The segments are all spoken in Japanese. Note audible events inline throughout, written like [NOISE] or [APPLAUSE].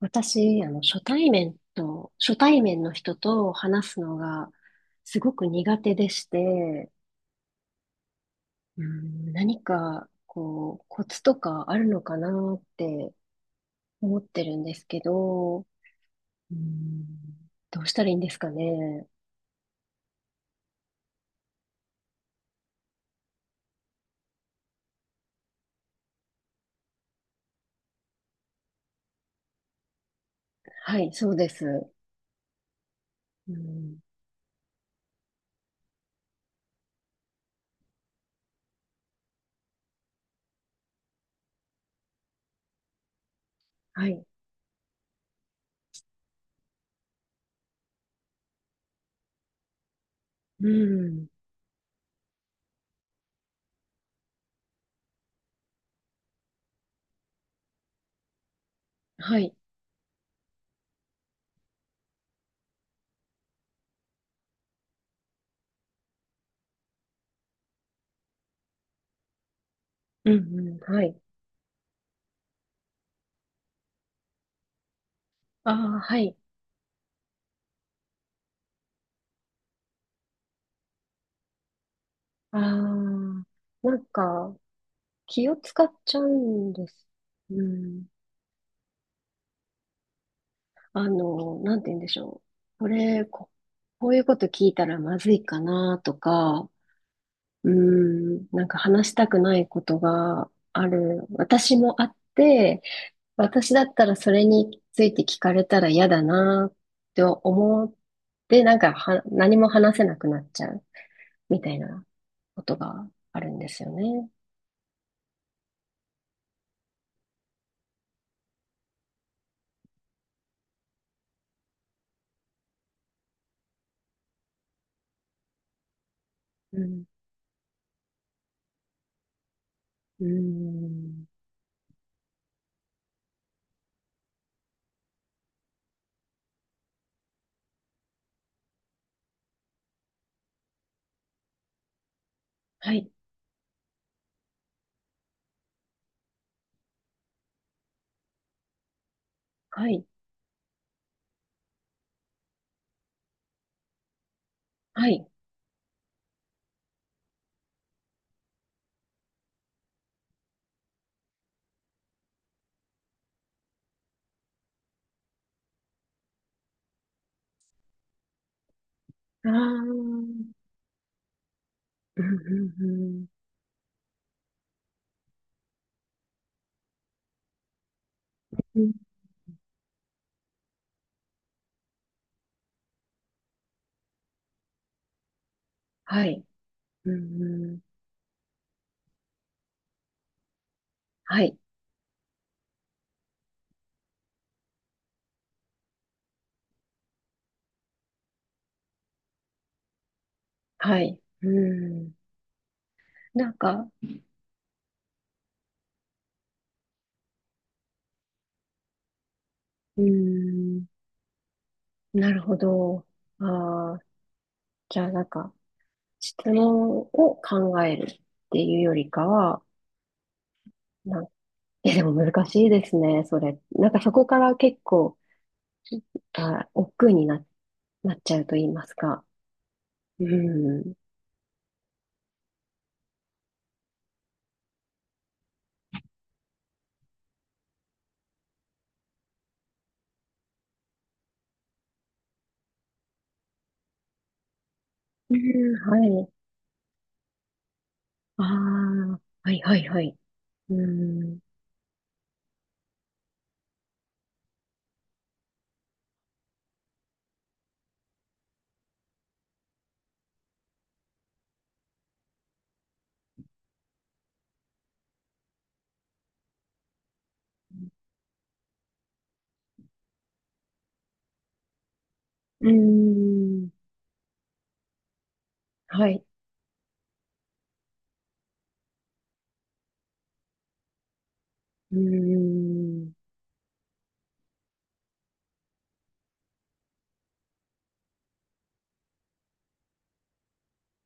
私、初対面の人と話すのがすごく苦手でして、うん、何か、こう、コツとかあるのかなって思ってるんですけど、うん、どうしたらいいんですかね。はい、そうです。うん、はい、うん、はい、うん、うん、はい。ああ、はい。ああ、なんか、気を使っちゃうんです。うん、なんて言うんでしょう。こういうこと聞いたらまずいかなとか、うーなんか話したくないことがある。私もあって、私だったらそれについて聞かれたら嫌だなって思って、なんかは、何も話せなくなっちゃうみたいなことがあるんですよね。うん、うーん、はい、はい、はい。ああ、うん、うん、うん。うんはい。うん。はい。はい。うん。なんか、うん。なるほど。ああ、じゃあ質問を考えるっていうよりかは、なん、[LAUGHS] でも難しいですね、それ。そこから結構、億劫にな、なっちゃうと言いますか。うん。うん、はい。ああ、はいはいはい。うん。うん。はい。うん。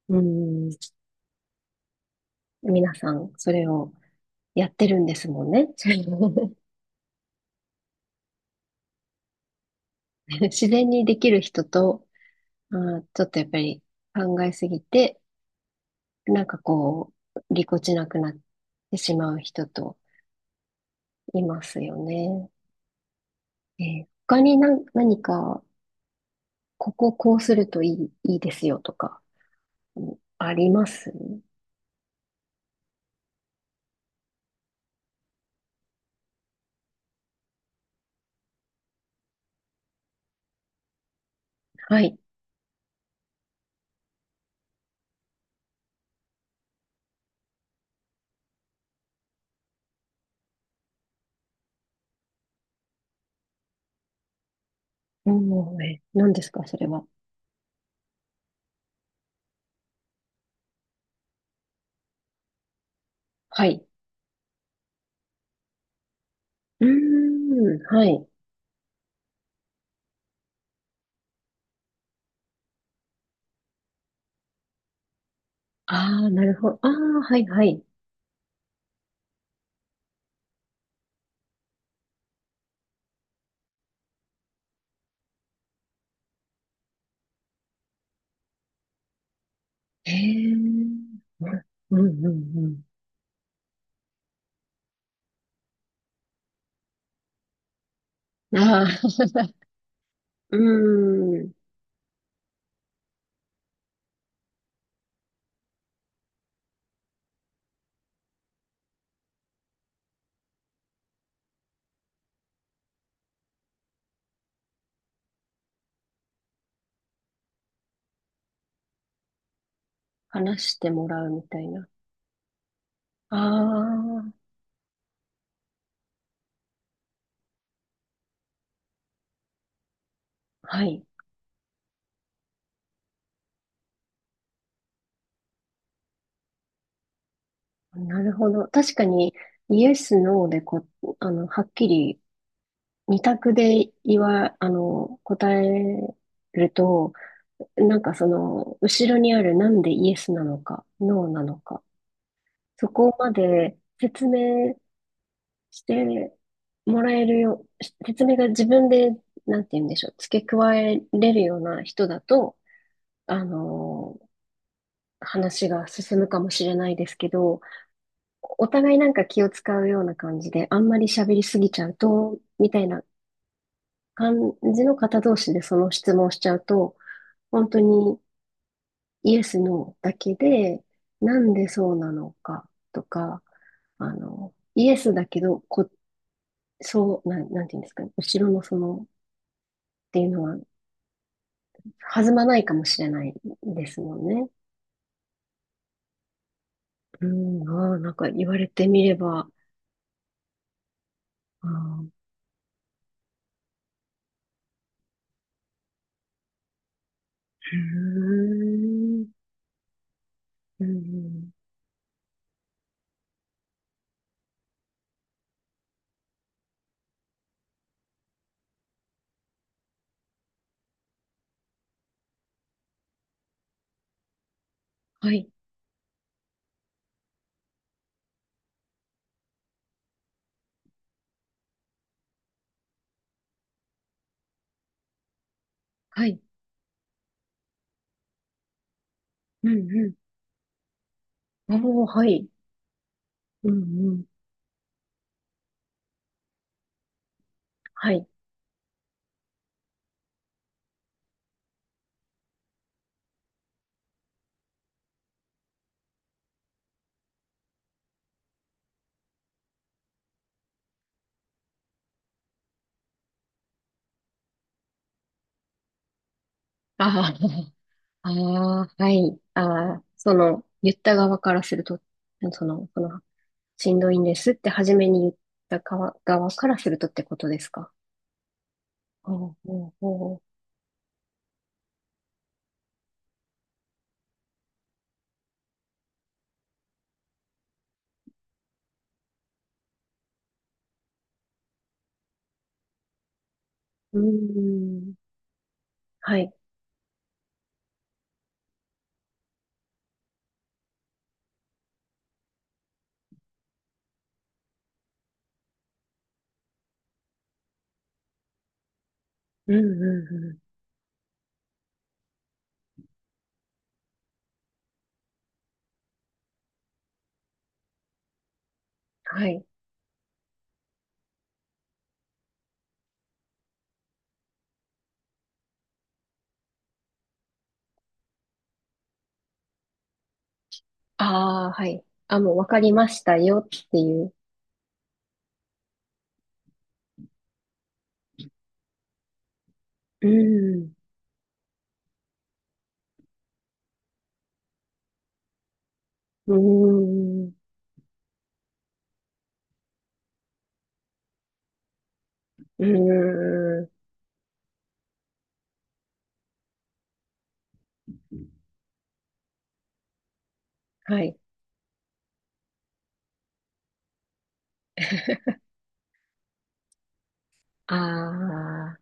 うん。皆さん、それをやってるんですもんね。[LAUGHS] 自然にできる人と、まあー、ちょっとやっぱり考えすぎて、ぎこちなくなってしまう人といますよね。他に何か、こうするといいですよとか、うんありますはい。もう、え、何ですか、それは。はい。うーん、はい。ああ、なるほど。ああ、はい、はい。へえ、うんうんうんうん。ああ、[LAUGHS] うん。話してもらうみたいな。ああ、はい。なるほど。確かに、イエス、ノーでこ、あの、はっきり、二択で言わ、あの、答えると、後ろにあるなんでイエスなのか、ノーなのか、そこまで説明してもらえるよ、し説明が自分で、なんて言うんでしょう、付け加えれるような人だと、あのー話が進むかもしれないですけど、お互い気を使うような感じで、あんまり喋りすぎちゃうと、みたいな感じの方同士でその質問しちゃうと、本当にイエス、ノーだけで、なんでそうなのかとか、イエスだけど、こ、そう、なん、なんていうんですかね、後ろのっていうのは弾まないかもしれないですもんね。うん、ああ、なんか言われてみれば、ああ、うーん、うん、はい、はい、うん、うん、おお、はい、うん、うん、はい、ああ、ああ、はい、ああ、言った側からすると、その、その、しんどいんですって初めに言った側からするとってことですか。おお、おお、うーん、はい、うん、うん、うん、はい。ああ、はい。あ、もうわかりましたよっていう。うーん。うーん。うーん。はい。ああ、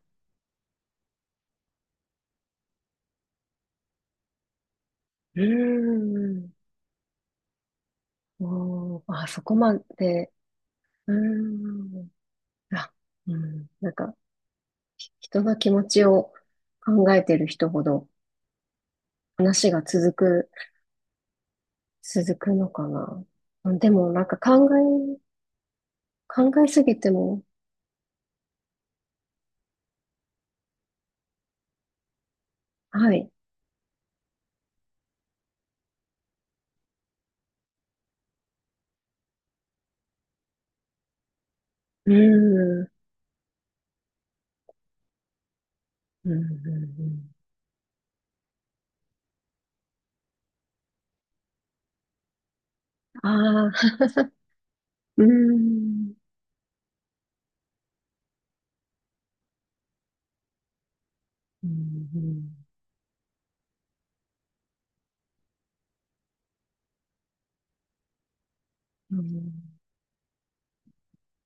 うーん。おー、あ、そこまで。うーん。あ、うん。人の気持ちを考えてる人ほど話が続くのかな。うん。でも、考えすぎても、はい。うーん。うん。うん。んあー [LAUGHS] うーん。うんうんうん